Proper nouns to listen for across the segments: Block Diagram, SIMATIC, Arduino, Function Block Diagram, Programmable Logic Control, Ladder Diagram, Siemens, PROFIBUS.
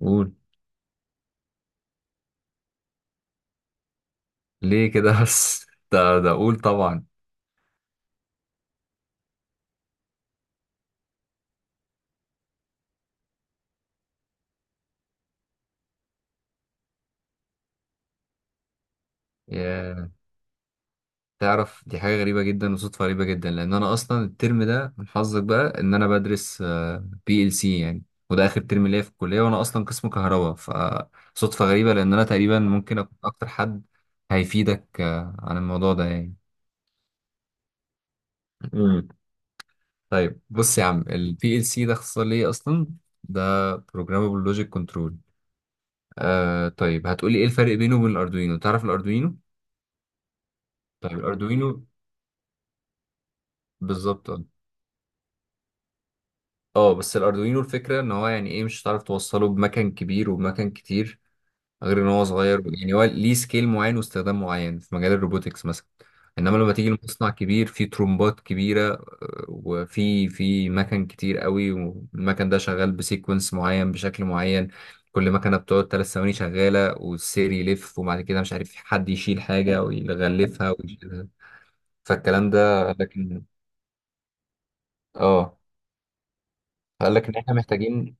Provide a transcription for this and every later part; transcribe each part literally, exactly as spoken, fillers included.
قول. ليه كده بس؟ ده ده اقول طبعا. يا تعرف، دي حاجه غريبه جدا وصدفه غريبه جدا لان انا اصلا الترم ده من حظك بقى ان انا بدرس بي ال سي يعني. وده اخر ترم ليا في الكليه وانا اصلا قسم كهرباء، فصدفه غريبه لان انا تقريبا ممكن اكون اكتر حد هيفيدك آه، عن الموضوع ده يعني. مم. طيب بص يا عم، البي ال سي ده اختصار ليه اصلا؟ ده Programmable Logic Control. آه طيب، هتقولي ايه الفرق بينه وبين الاردوينو؟ تعرف الاردوينو؟ طيب الاردوينو. بالظبط. اه. آه، بس الاردوينو الفكره ان هو يعني ايه، مش هتعرف توصله بمكان كبير وبمكان كتير غير ان هو صغير. يعني هو ليه سكيل معين واستخدام معين في مجال الروبوتكس مثلا. انما لما تيجي لمصنع كبير فيه ترومبات كبيره وفي في مكن كتير قوي، والمكن ده شغال بسيكونس معين بشكل معين. كل مكنه بتقعد ثلاث ثواني شغاله، والسير يلف، وبعد كده مش عارف، حد يشيل حاجه ويغلفها ويشيلها، فالكلام ده. لكن اه قال لك ان احنا محتاجين.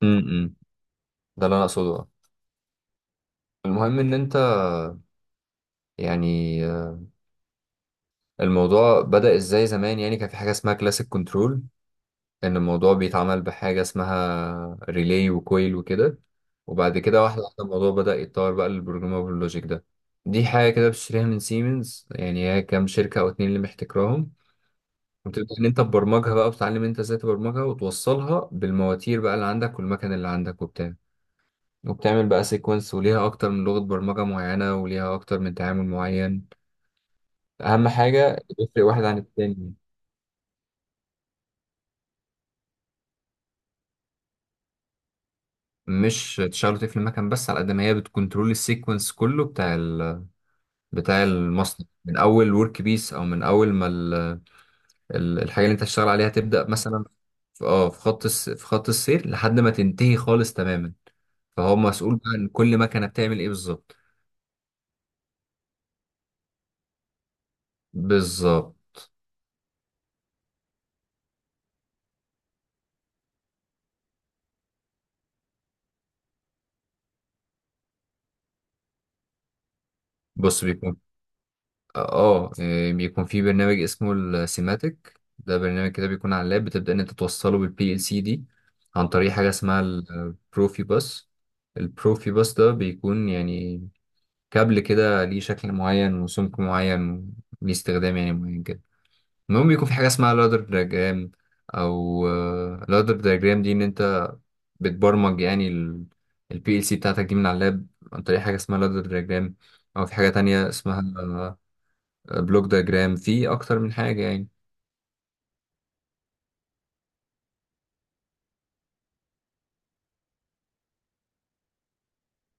م -م. ده اللي انا اقصده. المهم ان انت يعني، آه، الموضوع بدأ ازاي زمان؟ يعني كان في حاجة اسمها كلاسيك كنترول، ان الموضوع بيتعمل بحاجة اسمها ريلي وكويل وكده. وبعد كده واحدة واحدة الموضوع بدأ يتطور بقى للبروجرامابل لوجيك ده. دي حاجة كده بتشتريها من سيمنز، يعني هي كام شركة او اتنين اللي محتكراهم. وتبدأ ان انت تبرمجها بقى، وتتعلم انت ازاي تبرمجها وتوصلها بالمواتير بقى اللي عندك والمكن اللي عندك وبتاع. وبتعمل بقى سيكونس، وليها اكتر من لغة برمجة معينة، وليها اكتر من تعامل معين، اهم حاجه يفرق واحد عن التاني. مش تشغله تقفل المكن بس، على قد ما هي بتكنترول السيكونس كله بتاع ال... بتاع المصنع، من اول ورك بيس او من اول ما ال... ال- الحاجه اللي انت هتشتغل عليها تبدا مثلا في اه في خط الس... في خط السير لحد ما تنتهي خالص تماما. فهو مسؤول بقى ان كل مكنه بتعمل ايه بالظبط. بالظبط. بص، بيكون اه إيه، بيكون في برنامج اسمه السيماتيك. ده برنامج كده بيكون على اللاب، بتبدأ ان انت توصله بالبي ال سي دي عن طريق حاجة اسمها البروفي باس. البروفي باس ده بيكون يعني كابل كده، ليه شكل معين وسمك معين، ليه استخدام يعني معين كده. المهم بيكون في حاجة اسمها لادر دياجرام، او لادر دياجرام دي ان انت بتبرمج يعني البي ال سي بتاعتك دي من على اللاب عن طريق حاجة اسمها لادر دياجرام، او في حاجة تانية اسمها بلوك دياجرام. في اكتر من حاجه يعني.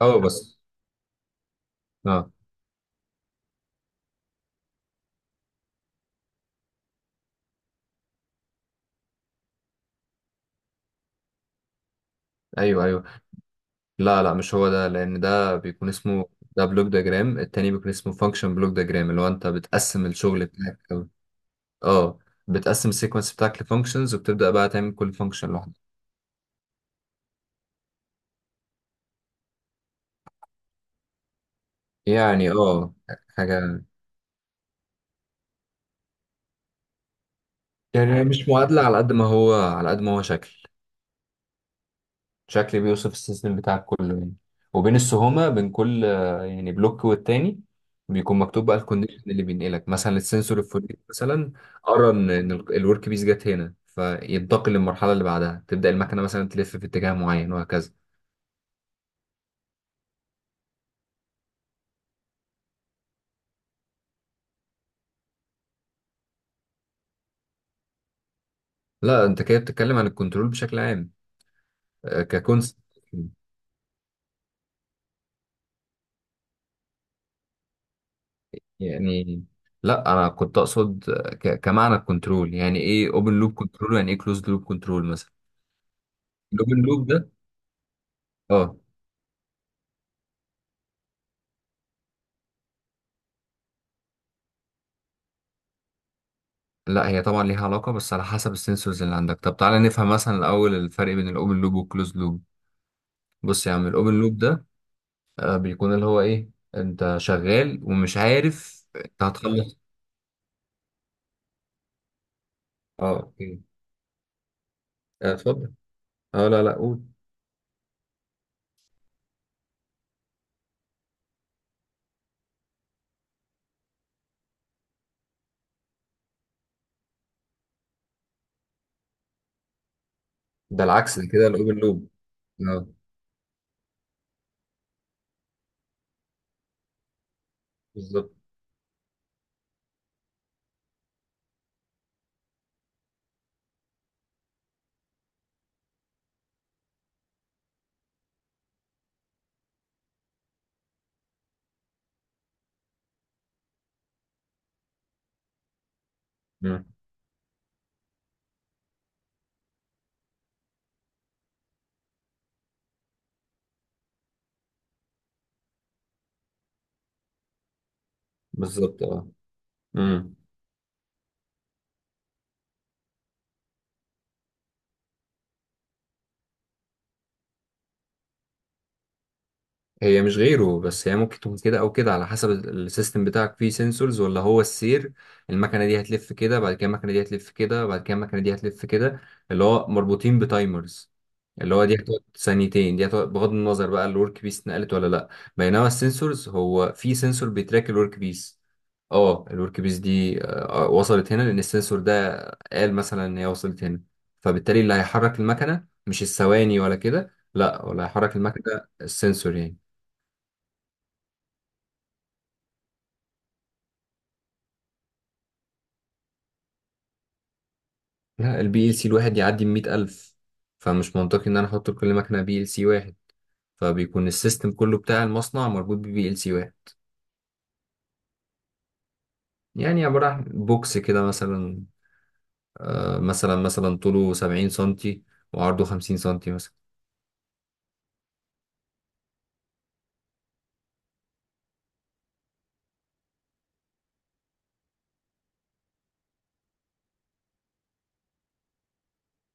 اه، بس اه ايوه ايوه. لا لا، مش هو ده، لان ده بيكون اسمه ده بلوك دياجرام التاني بيكون اسمه فانكشن بلوك دياجرام، اللي هو انت بتقسم الشغل بتاعك أو- اه بتقسم السيكونس بتاعك لفانكشنز، وبتبدا بقى تعمل كل فانكشن لوحده. يعني اه حاجه. يعني مش معادله، على قد ما هو على قد ما هو شكل شكل بيوصف السيستم بتاعك كله يعني، وبين السهومة بين كل آه، يعني بلوك والتاني بيكون مكتوب بقى الكونديشن اللي بينقلك، مثلا السنسور الفلاني مثلا قرا ان إن ال- الورك بيس جت هنا، فينتقل للمرحلة اللي بعدها، تبدأ المكنة مثلا تلف في اتجاه معين وهكذا. لا، انت كده بتتكلم عن الكنترول بشكل عام، آه، ككونسبت يعني. لا، انا كنت اقصد آه، ك- كمعنى الكنترول، يعني ايه اوبن لوب كنترول، يعني ايه كلوزد لوب كنترول مثلا. الاوبن لوب ده. اه لا، هي طبعا ليها علاقة، بس على حسب السنسورز اللي عندك. طب تعالى نفهم مثلا الأول الفرق بين الأوبن لوب والكلوز لوب. بص يا عم، الأوبن لوب ده آه، بيكون اللي هو إيه، أنت شغال ومش عارف أنت هتخلص. أه، أوكي. آه، اتفضل. أه، لا لا، قول. ده العكس، ده كده الأوبن لوب. أه. بالظبط. مم. بالظبط. أه، هي مش غيره، بس هي ممكن تكون كده او كده على حسب ال- السيستم بتاعك فيه سنسورز، ولا هو السير، المكنه دي هتلف كده، بعد كده المكنه دي هتلف كده، بعد كده المكنه دي هتلف كده، اللي هو مربوطين بتايمرز، اللي هو دي هتقعد ثانيتين، دي هتقعد بغض النظر بقى الورك بيس اتنقلت ولا لا. بينما السنسورز، هو في سنسور بيتراك الورك بيس. اه، الورك بيس دي آه، آه، وصلت هنا لان السنسور ده قال مثلا ان هي وصلت هنا، فبالتالي اللي هيحرك المكنه مش الثواني ولا كده، لا، ولا هيحرك المكنه السنسور يعني. لا، البي ال سي الواحد يعدي ال مية ألف، فمش منطقي إن أنا أحط لكل مكنة بي ال سي واحد، فبيكون السيستم كله بتاع المصنع مربوط ببي ال سي واحد. يعني عبارة عن بوكس كده مثلا، آه، مثلا مثلا طوله سبعين سنتي وعرضه خمسين سنتي مثلا.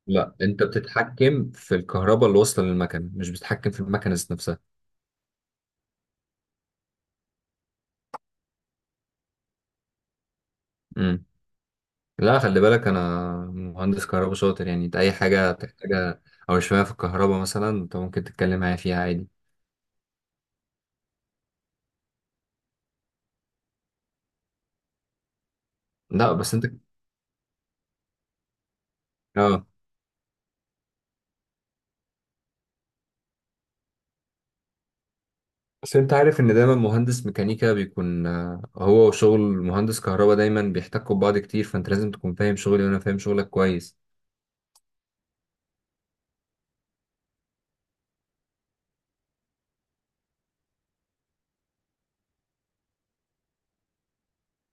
لا، انت بتتحكم في الكهرباء اللي واصله للمكنه، مش بتتحكم في المكنه ذات نفسها. امم. لا، خلي بالك انا مهندس كهرباء شاطر، يعني انت اي حاجه تحتاجها او شويه في الكهرباء مثلا انت ممكن تتكلم معايا فيها عادي. لا بس انت اه بس انت عارف ان دايما مهندس ميكانيكا بيكون آه، هو وشغل مهندس كهرباء دايما بيحتكوا ببعض كتير، فانت لازم تكون فاهم شغلي وانا فاهم شغلك كويس.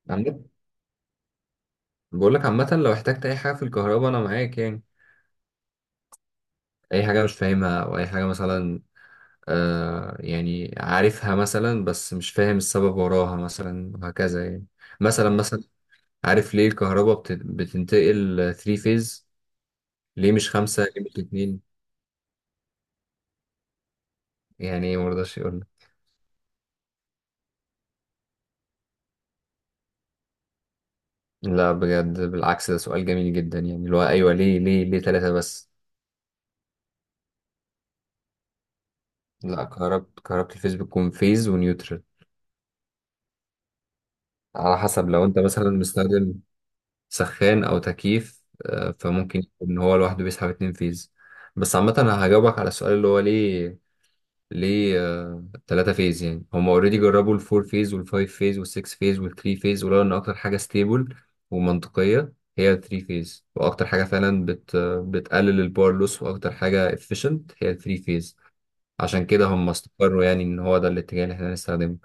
عامة بقول لك عامة لو احتجت اي حاجة في الكهرباء انا معاك، يعني اي حاجة مش فاهمها او اي حاجة مثلا آه يعني عارفها مثلا بس مش فاهم السبب وراها مثلا وهكذا يعني. مثلا مثلا عارف ليه الكهرباء بت- بتنتقل 3 فيز؟ ليه مش خمسة؟ ليه مش اتنين؟ يعني مرضاش؟ لا، بجد بالعكس، ده سؤال جميل جدا يعني، اللي هو ايوه ليه ليه ليه ثلاثة بس. لا، كهربت كهربة الفيز بتكون فيز ونيوترال، على حسب. لو انت مثلا مستخدم سخان او تكييف آه، فممكن يكون هو لوحده بيسحب اتنين فيز. بس عامة انا هجاوبك على السؤال اللي هو ليه ليه آه، تلاتة فيز. يعني هم اوريدي جربوا الفور فيز والفايف فيز والسكس فيز والثري فيز، ولقوا ان اكتر حاجة ستيبل ومنطقية هي الثري فيز، واكتر حاجة فعلا بت آه، بتقلل الباور لوس، واكتر حاجة efficient هي الثري فيز، عشان كده هم استقروا يعني ان هو ده الاتجاه اللي احنا هنستخدمه.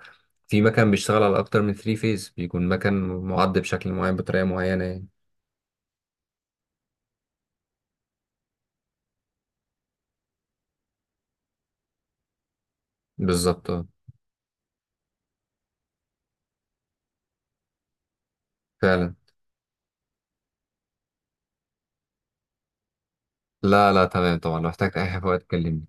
في مكان بيشتغل على اكتر من ثري فيز، بيكون مكان معد بشكل معين بطريقة معينة يعني. بالظبط. آه، فعلا. لا لا تمام، طبعا لو احتجت اي حاجة فوق اتكلمني.